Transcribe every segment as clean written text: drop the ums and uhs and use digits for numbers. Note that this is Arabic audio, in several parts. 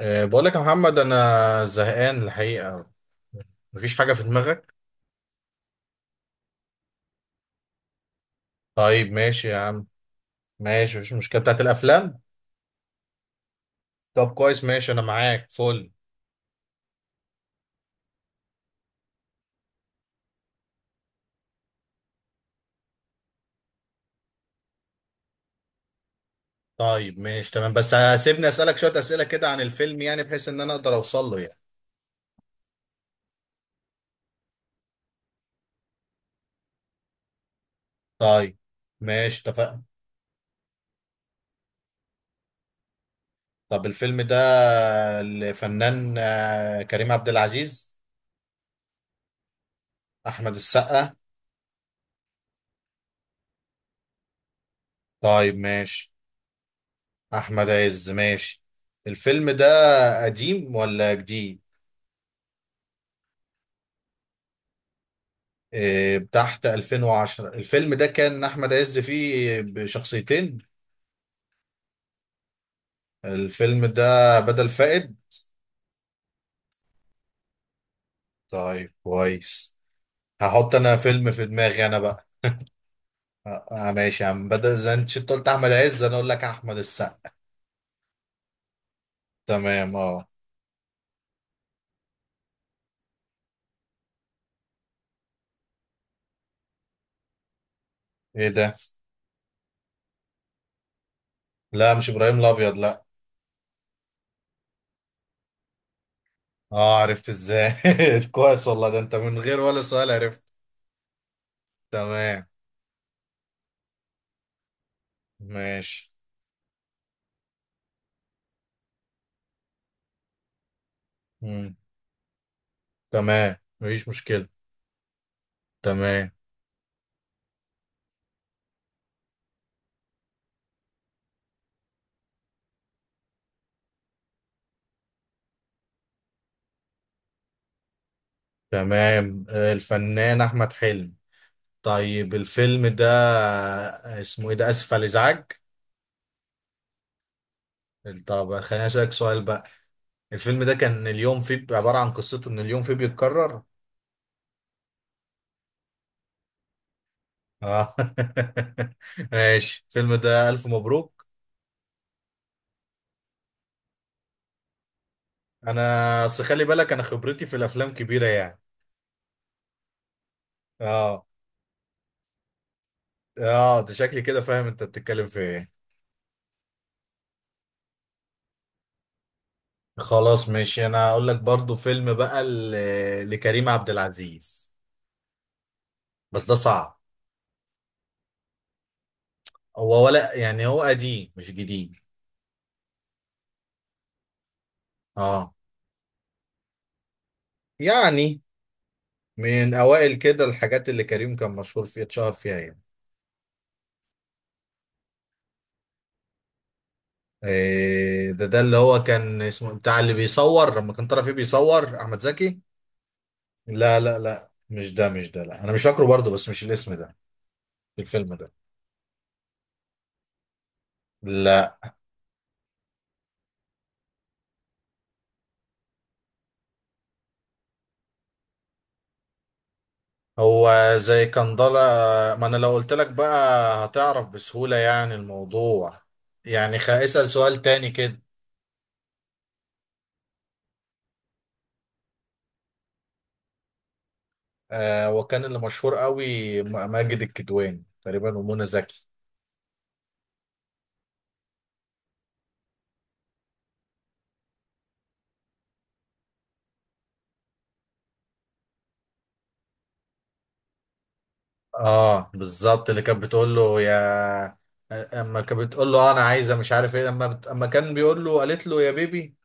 بقول لك يا محمد انا زهقان الحقيقه. مفيش حاجه في دماغك؟ طيب ماشي يا عم. ماشي، مفيش مشكله بتاعت الافلام. طب كويس ماشي، انا معاك فل. طيب ماشي تمام، بس سيبني اسالك شويه اسئله كده عن الفيلم، يعني بحيث ان انا اقدر اوصل له يعني. طيب ماشي اتفقنا. طب الفيلم ده الفنان كريم عبد العزيز؟ احمد السقا؟ طيب ماشي. احمد عز ماشي. الفيلم ده قديم ولا جديد؟ تحت 2010 الفيلم ده كان احمد عز فيه بشخصيتين. الفيلم ده بدل فائد. طيب كويس. هحط انا فيلم في دماغي انا بقى. ماشي يا عم، بدل زي انت شفت قلت احمد عز انا اقول لك احمد السقا. تمام اه. ايه ده؟ لا مش ابراهيم الابيض لا. اه، عرفت ازاي؟ كويس والله، ده انت من غير ولا سؤال عرفت. تمام. ماشي. مم. تمام مفيش مشكلة. تمام. تمام الفنان احمد حلمي. طيب الفيلم ده اسمه ايه؟ ده اسف على الازعاج؟ طب خليني اسالك سؤال بقى. الفيلم ده كان اليوم فيه عباره عن قصته ان اليوم فيه بيتكرر. اه ماشي الفيلم ده الف مبروك. انا اصل خلي بالك انا خبرتي في الافلام كبيره يعني. اه. اه، ده شكلي كده فاهم انت بتتكلم في ايه. خلاص ماشي، انا هقول لك برضو فيلم بقى لكريم عبد العزيز، بس ده صعب. هو ولا يعني هو قديم مش جديد. اه. يعني من اوائل كده الحاجات اللي كريم كان مشهور فيها، اتشهر فيها يعني. إيه ده؟ ده اللي هو كان اسمه بتاع اللي بيصور لما كان طالع فيه بيصور احمد زكي. لا مش ده، مش ده، لا انا مش فاكره برضه، بس مش الاسم ده. الفيلم ده لا. هو زي كان ضلا. ما انا لو قلت لك بقى هتعرف بسهولة يعني الموضوع. يعني اسأل سؤال تاني كده. آه، وكان اللي مشهور قوي ماجد الكدواني تقريبا ومنى زكي. اه بالظبط، اللي كانت بتقول له يا، اما كانت بتقول له انا عايزه مش عارف ايه، اما اما كان بيقول له قالت له يا بيبي.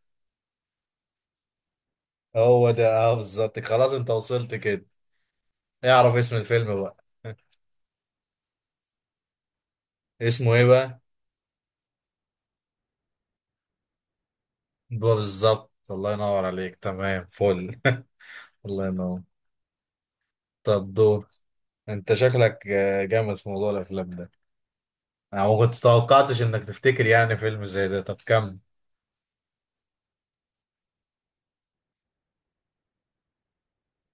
هو ده اه بالظبط، خلاص انت وصلت كده. اعرف اسم الفيلم بقى. اسمه ايه بقى؟ بقى بالظبط، الله ينور عليك، تمام فل. الله ينور. طب دور. انت شكلك جامد في موضوع الافلام ده. انا ما كنت توقعتش انك تفتكر يعني فيلم زي ده. طب كم؟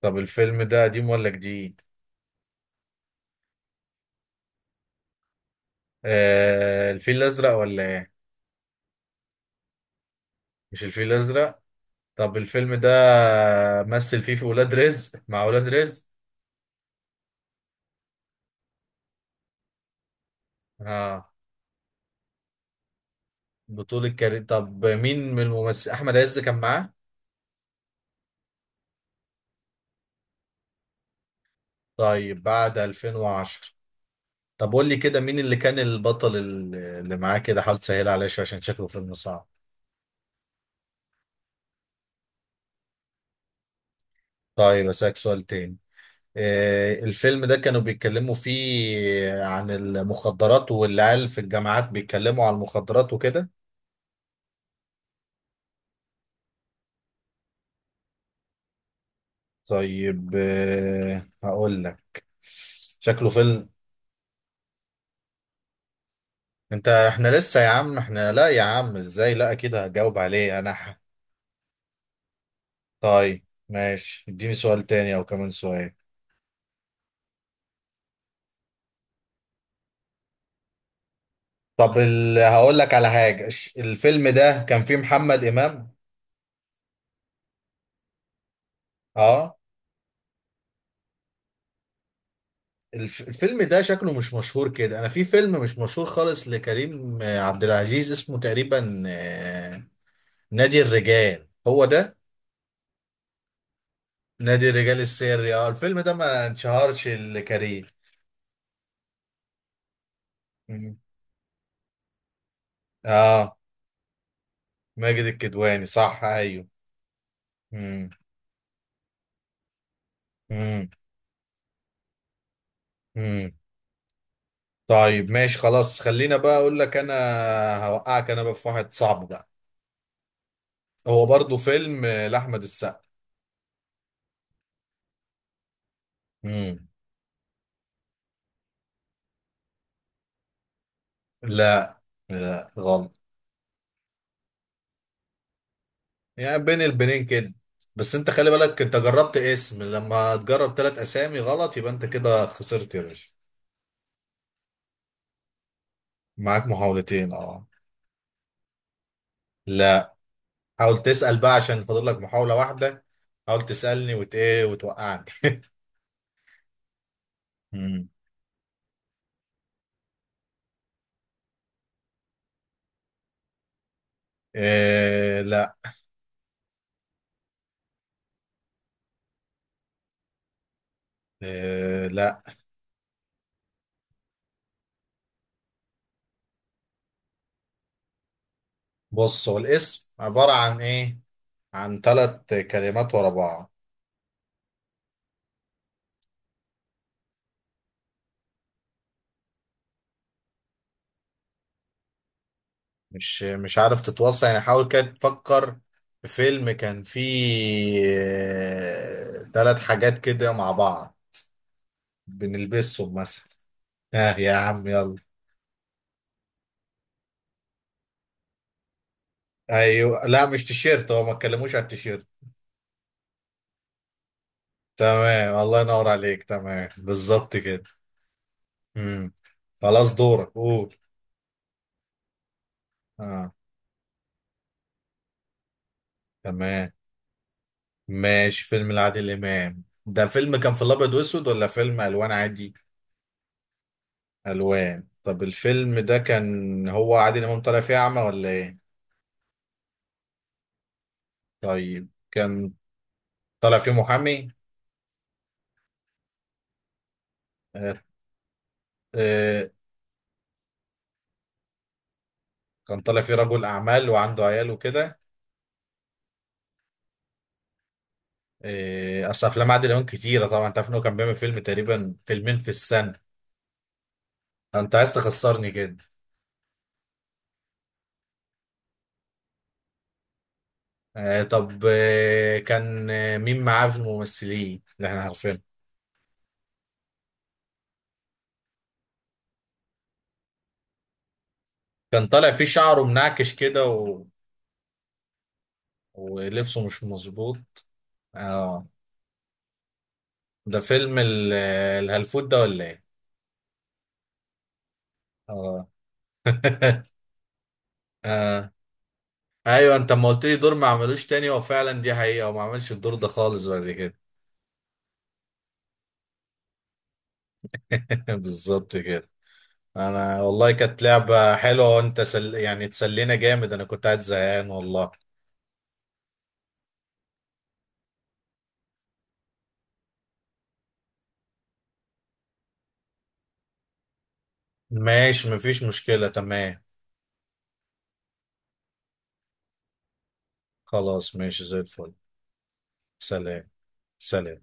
طب الفيلم ده قديم ولا جديد؟ آه، الفيل الازرق ولا ايه؟ مش الفيل الازرق؟ طب الفيلم ده مثل فيه في ولاد رزق، مع ولاد رزق؟ اه. بطولة كريم. طب مين من الممثل؟ احمد عز كان معاه؟ طيب بعد 2010. طب قول لي كده مين اللي كان البطل اللي معاه كده، حاول تسهل عليا شويه عشان شكله فيلم صعب. طيب اسالك سؤال تاني. آه، الفيلم ده كانوا بيتكلموا فيه عن المخدرات والعيال في الجامعات بيتكلموا عن المخدرات وكده؟ طيب آه، هقول لك. شكله فيلم. انت، احنا لسه يا عم، احنا لا يا عم ازاي، لا اكيد هجاوب عليه انا طيب ماشي، اديني سؤال تاني او كمان سؤال. طب هقول لك على حاجة، الفيلم ده كان فيه محمد امام؟ اه. الفيلم ده شكله مش مشهور كده، انا في فيلم مش مشهور خالص لكريم عبد العزيز اسمه تقريبا نادي الرجال، هو ده. نادي الرجال السري، اه. الفيلم ده ما انشهرش لكريم. مم. اه. ماجد الكدواني صح، ايوه. مم. مم. امم. طيب ماشي، خلاص خلينا بقى اقول لك انا. هوقعك انا بقى في واحد صعب بقى. هو برضو فيلم لاحمد السقا. امم. لا. لا غلط. يعني بين البنين كده. بس انت خلي بالك، انت جربت اسم، لما تجرب ثلاث اسامي غلط يبقى انت كده خسرت يا باشا. معاك محاولتين اه. لا. حاول تسأل بقى عشان فاضل لك محاولة واحدة. حاول تسألني وت ايه وتوقعني. امم. إيه لا. إيه لا. بص، هو الاسم عبارة عن ايه؟ عن ثلاث كلمات ورا بعض. مش عارف تتوصل يعني؟ حاول كده تفكر في فيلم كان فيه ثلاث حاجات كده مع بعض، بنلبسهم مثلا. اه يا عم يلا. ايوه لا، مش تيشيرت، هو ما اتكلموش على التيشيرت. تمام الله ينور عليك، تمام بالظبط كده. امم. خلاص دورك قول. اه. تمام ماشي. فيلم لعادل إمام ده، فيلم كان في الأبيض وأسود ولا فيلم ألوان عادي؟ ألوان. طب الفيلم ده كان هو عادل إمام طالع فيه أعمى ولا إيه؟ طيب كان طالع فيه محامي؟ آه. آه. كان طالع فيه رجل أعمال وعنده عيال وكده. آه. أصل أفلام عادل إمام كتيرة طبعا، أنت عارف إن هو كان بيعمل فيلم تقريبا فيلمين في السنة. أنت عايز تخسرني كده. آه. طب آه، كان مين معاه في الممثلين اللي إحنا عارفينه؟ كان طالع فيه شعره منعكش كده ولبسه مش مظبوط. اه. ده فيلم الهلفوت ده ولا ايه؟ اه اه. ايوه انت ما قلت لي دور ما عملوش تاني، هو فعلا دي حقيقة وما عملش الدور ده خالص بعد كده. بالظبط كده. انا والله كانت لعبة حلوة، وانت يعني تسلينا جامد، انا كنت قاعد زهقان والله. ماشي مفيش مشكلة تمام. خلاص ماشي زي الفل. سلام. سلام.